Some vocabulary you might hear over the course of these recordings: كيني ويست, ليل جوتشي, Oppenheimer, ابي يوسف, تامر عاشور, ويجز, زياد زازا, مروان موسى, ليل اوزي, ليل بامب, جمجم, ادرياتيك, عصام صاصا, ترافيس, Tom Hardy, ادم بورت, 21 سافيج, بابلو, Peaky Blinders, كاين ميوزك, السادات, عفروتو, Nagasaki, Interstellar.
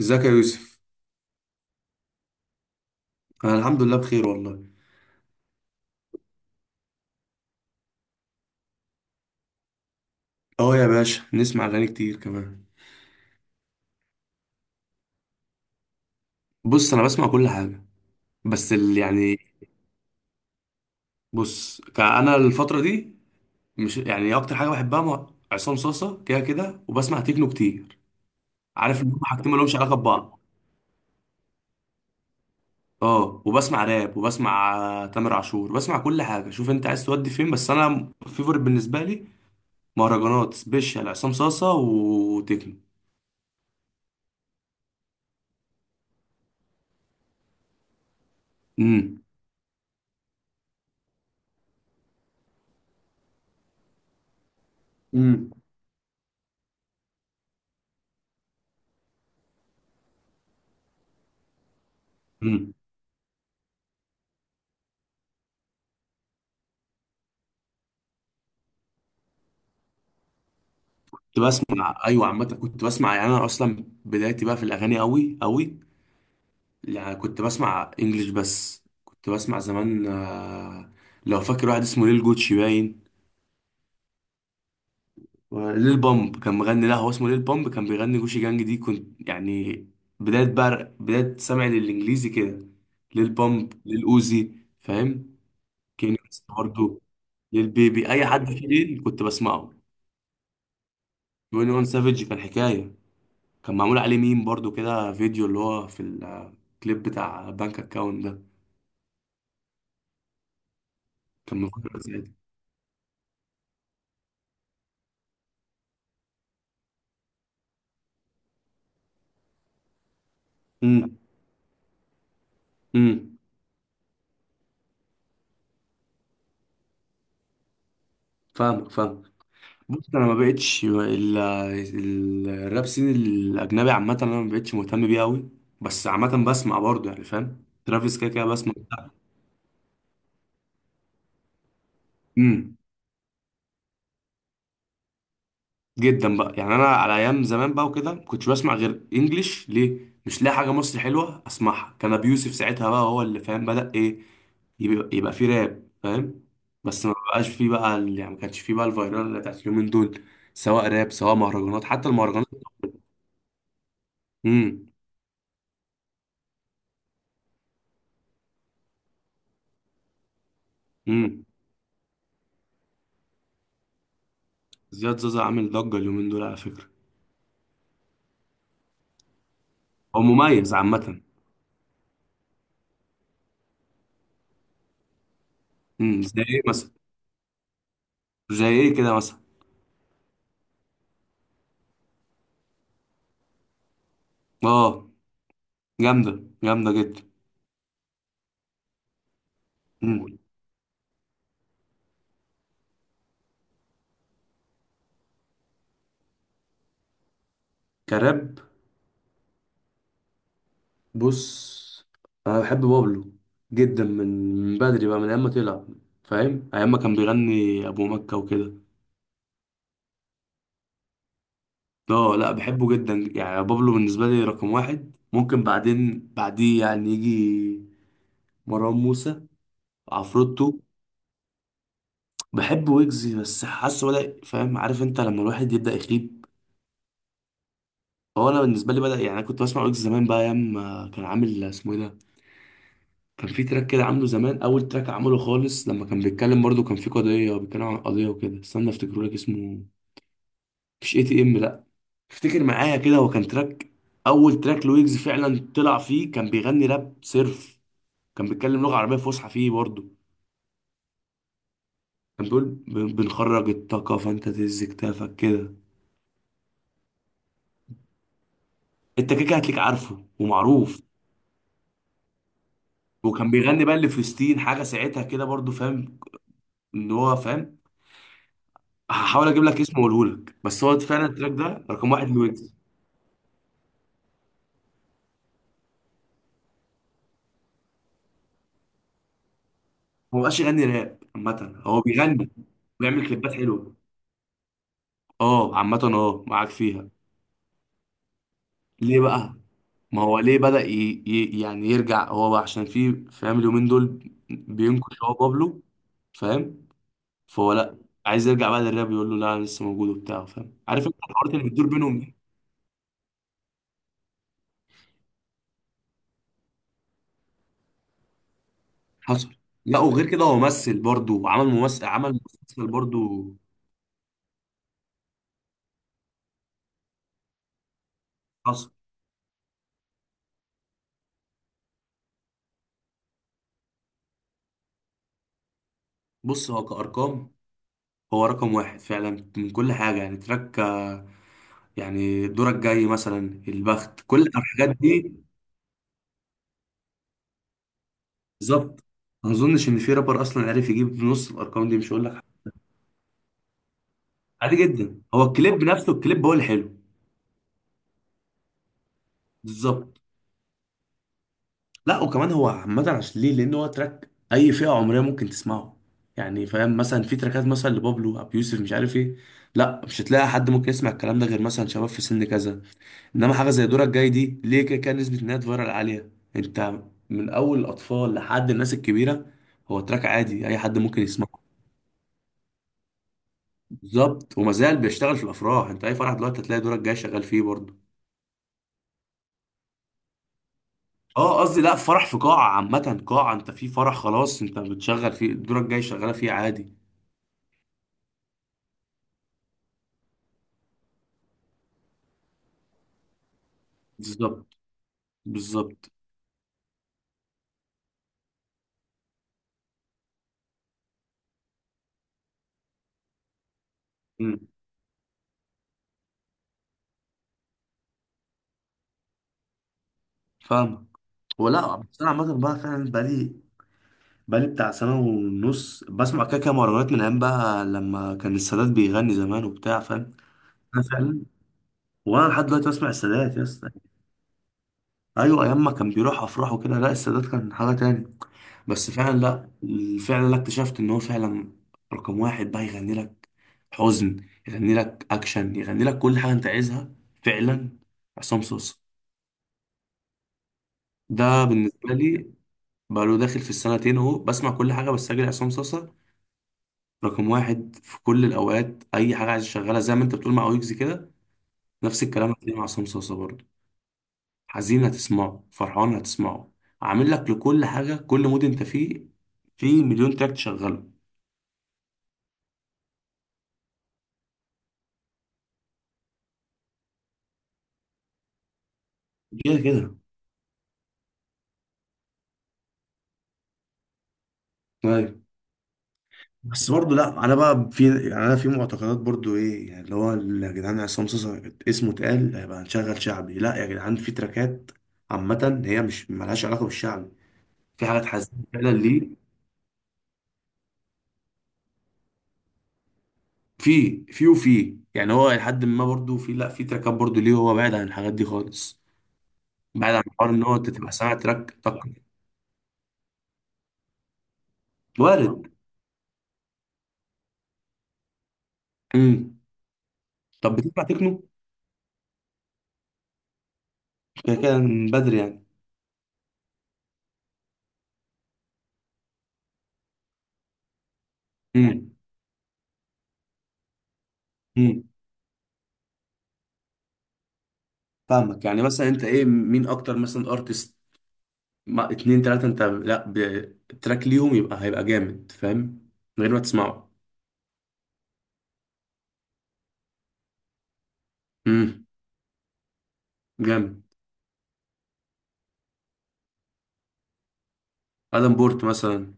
ازيك يا يوسف. انا الحمد لله بخير والله. اه يا باشا نسمع اغاني كتير كمان. بص انا بسمع كل حاجه بس ال يعني. بص انا الفتره دي مش يعني اكتر حاجه بحبها عصام صاصا كده كده وبسمع تكنو كتير. عارف ان هم حاجتين ما لهمش علاقه ببعض. اه وبسمع راب وبسمع تامر عاشور بسمع كل حاجه. شوف انت عايز تودي فين بس انا فيفورت بالنسبه لي مهرجانات سبيشال عصام صاصا وتكنو. امم امم كنت بسمع ايوه، عامه كنت بسمع يعني انا اصلا بدايتي بقى في الاغاني قوي قوي. يعني كنت بسمع انجليش بس كنت بسمع زمان لو فاكر واحد اسمه ليل جوتشي باين. ليل بامب كان مغني، لا هو اسمه ليل بامب كان بيغني جوشي جانج دي، كنت يعني بدايه بقى، بدايه سمعي للانجليزي كده ليل بامب ليل اوزي. فاهم. كيني ويست برضه. ليل بيبي اي حد فيه ليل كنت بسمعه. 21 سافيج كان حكايه. كان معمول عليه ميم برضو كده فيديو اللي هو في الكليب بتاع بنك اكاونت ده. كان من فترة زيادة. امم امم فاهمك. بص انا ما بقتش الراب سين الاجنبي عامة انا ما بقتش مهتم بيه قوي. بس عامة بسمع برضو يعني فاهم ترافيس كده كده بسمع. امم جدا بقى، يعني انا على ايام زمان بقى وكده ما كنتش بسمع غير انجليش ليه، مش لاقي حاجه مصري حلوه اسمعها، كان ابي يوسف ساعتها بقى هو اللي فاهم بدا ايه. يبقى فيه راب فاهم. بس ما بقاش فيه بقى ال- يعني ما كانش فيه بقى الفيرال اللي بتاعت اليومين دول، سواء راب سواء مهرجانات حتى المهرجانات. امم امم زياد زازا عامل ضجه اليومين دول على فكره. هو مميز عامه. زي ايه مثلا؟ زي ايه كده مثلا؟ اه جامده، جامده جدا. امم كراب. بص انا بحب بابلو جدا، من من بدري بقى من ايام ما طلع. فاهم ايام ما كان بيغني ابو مكة وكده. اه لا بحبه جدا يعني بابلو بالنسبة لي رقم واحد. ممكن بعدين بعديه يعني يجي مروان موسى عفروتو. بحب ويجز بس حاسه بدأ فاهم، عارف انت لما الواحد يبدأ يخيب. هو انا بالنسبة لي بدأ. يعني انا كنت بسمع ويجز زمان بقى ايام ما كان عامل اسمه ايه ده. كان في تراك كده عامله زمان، اول تراك عمله خالص لما كان بيتكلم برضه كان في قضيه، بيتكلم عن قضيه وكده. استنى افتكره لك، اسمه مش اي تي ام لا. افتكر معايا كده هو كان تراك، اول تراك لويجز فعلا طلع فيه، كان بيغني راب صرف. كان بيتكلم لغه عربيه فصحى فيه برضه. كان بيقول بنخرج الطاقه فانت تهز كتافك كده. انت كده كده هتلاقيك عارفه ومعروف. وكان بيغني بقى لفلسطين حاجه ساعتها كده برضه فاهم ان هو فاهم. هحاول اجيب لك اسمه واقوله لك بس هو فعلا التراك ده رقم واحد لويجز. هو مبقاش يغني راب عامة، هو بيغني بيعمل كليبات حلوة. اه عامة اه معاك فيها. ليه بقى؟ ما هو ليه بدأ يعني يرجع هو بقى عشان في فاهم اليومين دول بينكش هو بابلو. فاهم؟ فهو لأ، عايز يرجع بقى للراب، يقول له لا أنا لسه موجود وبتاع. فاهم؟ عارف انت الحوارات اللي بتدور بينهم دي؟ حصل. لا وغير كده هو ممثل برضه، وعمل ممثل عمل مسلسل برضه. حصل. بص هو كأرقام هو رقم واحد فعلا من كل حاجة، يعني تراك يعني دورك جاي مثلا، البخت، كل دورك الحاجات دي. بالظبط. ما اظنش ان في رابر اصلا عارف يجيب نص الارقام دي، مش هقول لك حاجة. عادي جدا، هو الكليب نفسه الكليب هو اللي حلو. بالظبط. لا وكمان هو عامه عشان ليه، لان هو تراك اي فئه عمريه ممكن تسمعه. يعني فاهم مثلا في تراكات مثلا لبابلو ابو يوسف مش عارف ايه، لا مش هتلاقي حد ممكن يسمع الكلام ده غير مثلا شباب في سن كذا. انما حاجه زي دورك جاي دي ليه كده كده نسبه انها فايرال عاليه. انت من اول الاطفال لحد الناس الكبيره، هو تراك عادي اي حد ممكن يسمعه. بالظبط، وما زال بيشتغل في الافراح. انت اي فرح دلوقتي هتلاقي دورك جاي شغال فيه برضه. اه قصدي لا فرح في قاعه عامه قاعه، انت في فرح خلاص انت بتشغل فيه دورك جاي شغاله فيه عادي. بالظبط. بالظبط. امم فاهمك. ولا بس انا عامه بقى فعلا بقالي بتاع سنه ونص بسمع كده كده مهرجانات من ايام بقى لما كان السادات بيغني زمان وبتاع فاهم. أنا فعلا. وانا لحد دلوقتي بسمع السادات يا اسطى. ايوه ايام ما كان بيروح افراح وكده لا، السادات كان حاجه تاني. بس فعلا لا. فعلا لا، اكتشفت ان هو فعلا رقم واحد بقى. يغني لك حزن، يغني لك اكشن، يغني لك كل حاجه انت عايزها. فعلا. عصام صوصه ده بالنسبه لي. بقى له داخل في السنتين اهو بسمع كل حاجه بس اجري عصام صوصه رقم واحد في كل الاوقات. اي حاجه عايز اشغلها زي ما انت بتقول مع ويجز كده، نفس الكلام هتلاقيه مع عصام صوصه برضه. حزين هتسمعه، فرحان هتسمعه، عامل لك لكل حاجة كل مود انت فيه في مليون تراك تشغله. كده كده. ايوه. بس برضه لا انا بقى يعني انا في معتقدات برضه ايه يعني اللي هو، يا جدعان عصام صاصا اسمه اتقال هيبقى هنشغل شعبي، لا يا جدعان في تراكات عامة هي مش ملهاش علاقة بالشعبي. في حاجات حزينة فعلا ليه. في يعني هو لحد ما برضو في، لا في تراكات برضو ليه هو بعيد عن الحاجات دي خالص. بعيد عن حوار ان هو انت تبقى سامع تراك طق. وارد. امم طب بتسمع تكنو كده كده من بدري يعني. امم امم فاهمك. يعني مثلا انت ايه مين اكتر مثلا ارتست ما اتنين تلاتة انت، لا بتراك ليهم يبقى هيبقى جامد فاهم من غير ما تسمعه. امم جامد. ادم بورت مثلا.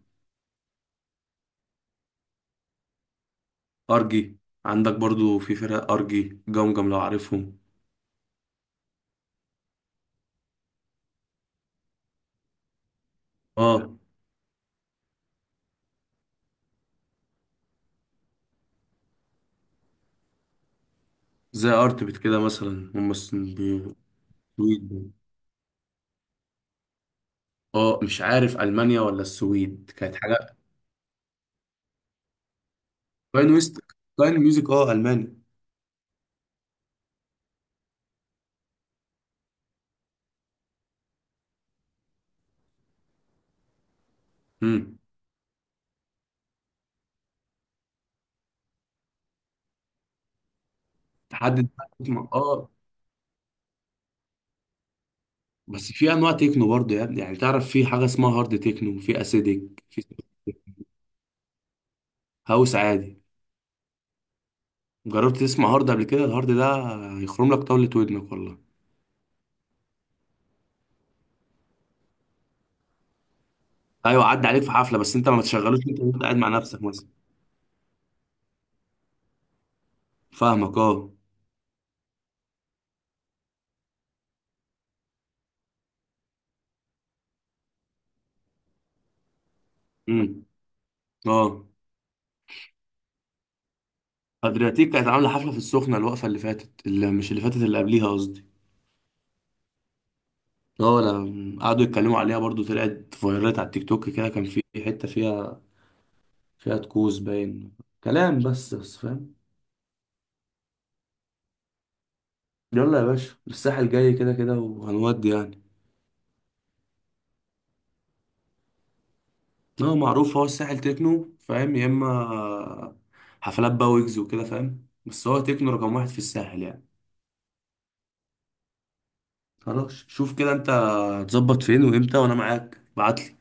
ارجي. عندك برضو في فرق ارجي جمجم لو عارفهم. اه. زي ارتبت كده مثلا هم سويد دول. اه مش عارف المانيا ولا السويد كانت حاجه. كاين ويست، كاين ميوزك، اه الماني. امم تحدد بقى التكنو. اه. بس في انواع تكنو برضه يا ابني يعني، تعرف في حاجه اسمها هارد تكنو، في اسيديك، في. هاوس عادي. جربت تسمع هارد قبل كده؟ الهارد ده هيخرم لك طاوله ودنك والله. ايوه عدى عليك في حفله بس انت ما تشغلوش انت وأنت قاعد مع نفسك مثلا. فاهمك اه. امم اه. ادرياتيك كانت عامله حفله في السخنه الوقفه اللي فاتت، اللي مش اللي فاتت اللي قبليها قصدي. اه لا قعدوا يتكلموا عليها برضو، طلعت فايرات على التيك توك كده، كان في حته فيها فيها تكوز باين كلام بس بس فاهم. يلا يا باشا الساحل جاي كده كده وهنودي يعني. هو معروف هو الساحل تكنو فاهم يا اما. حفلات بقى ويجز وكده فاهم بس هو تكنو رقم واحد في الساحل يعني. خلاص شوف كده انت هتظبط فين وامتى وانا معاك ابعتلي.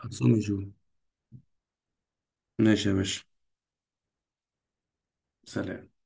خلصانه يا جو. ماشي يا باشا. سلام.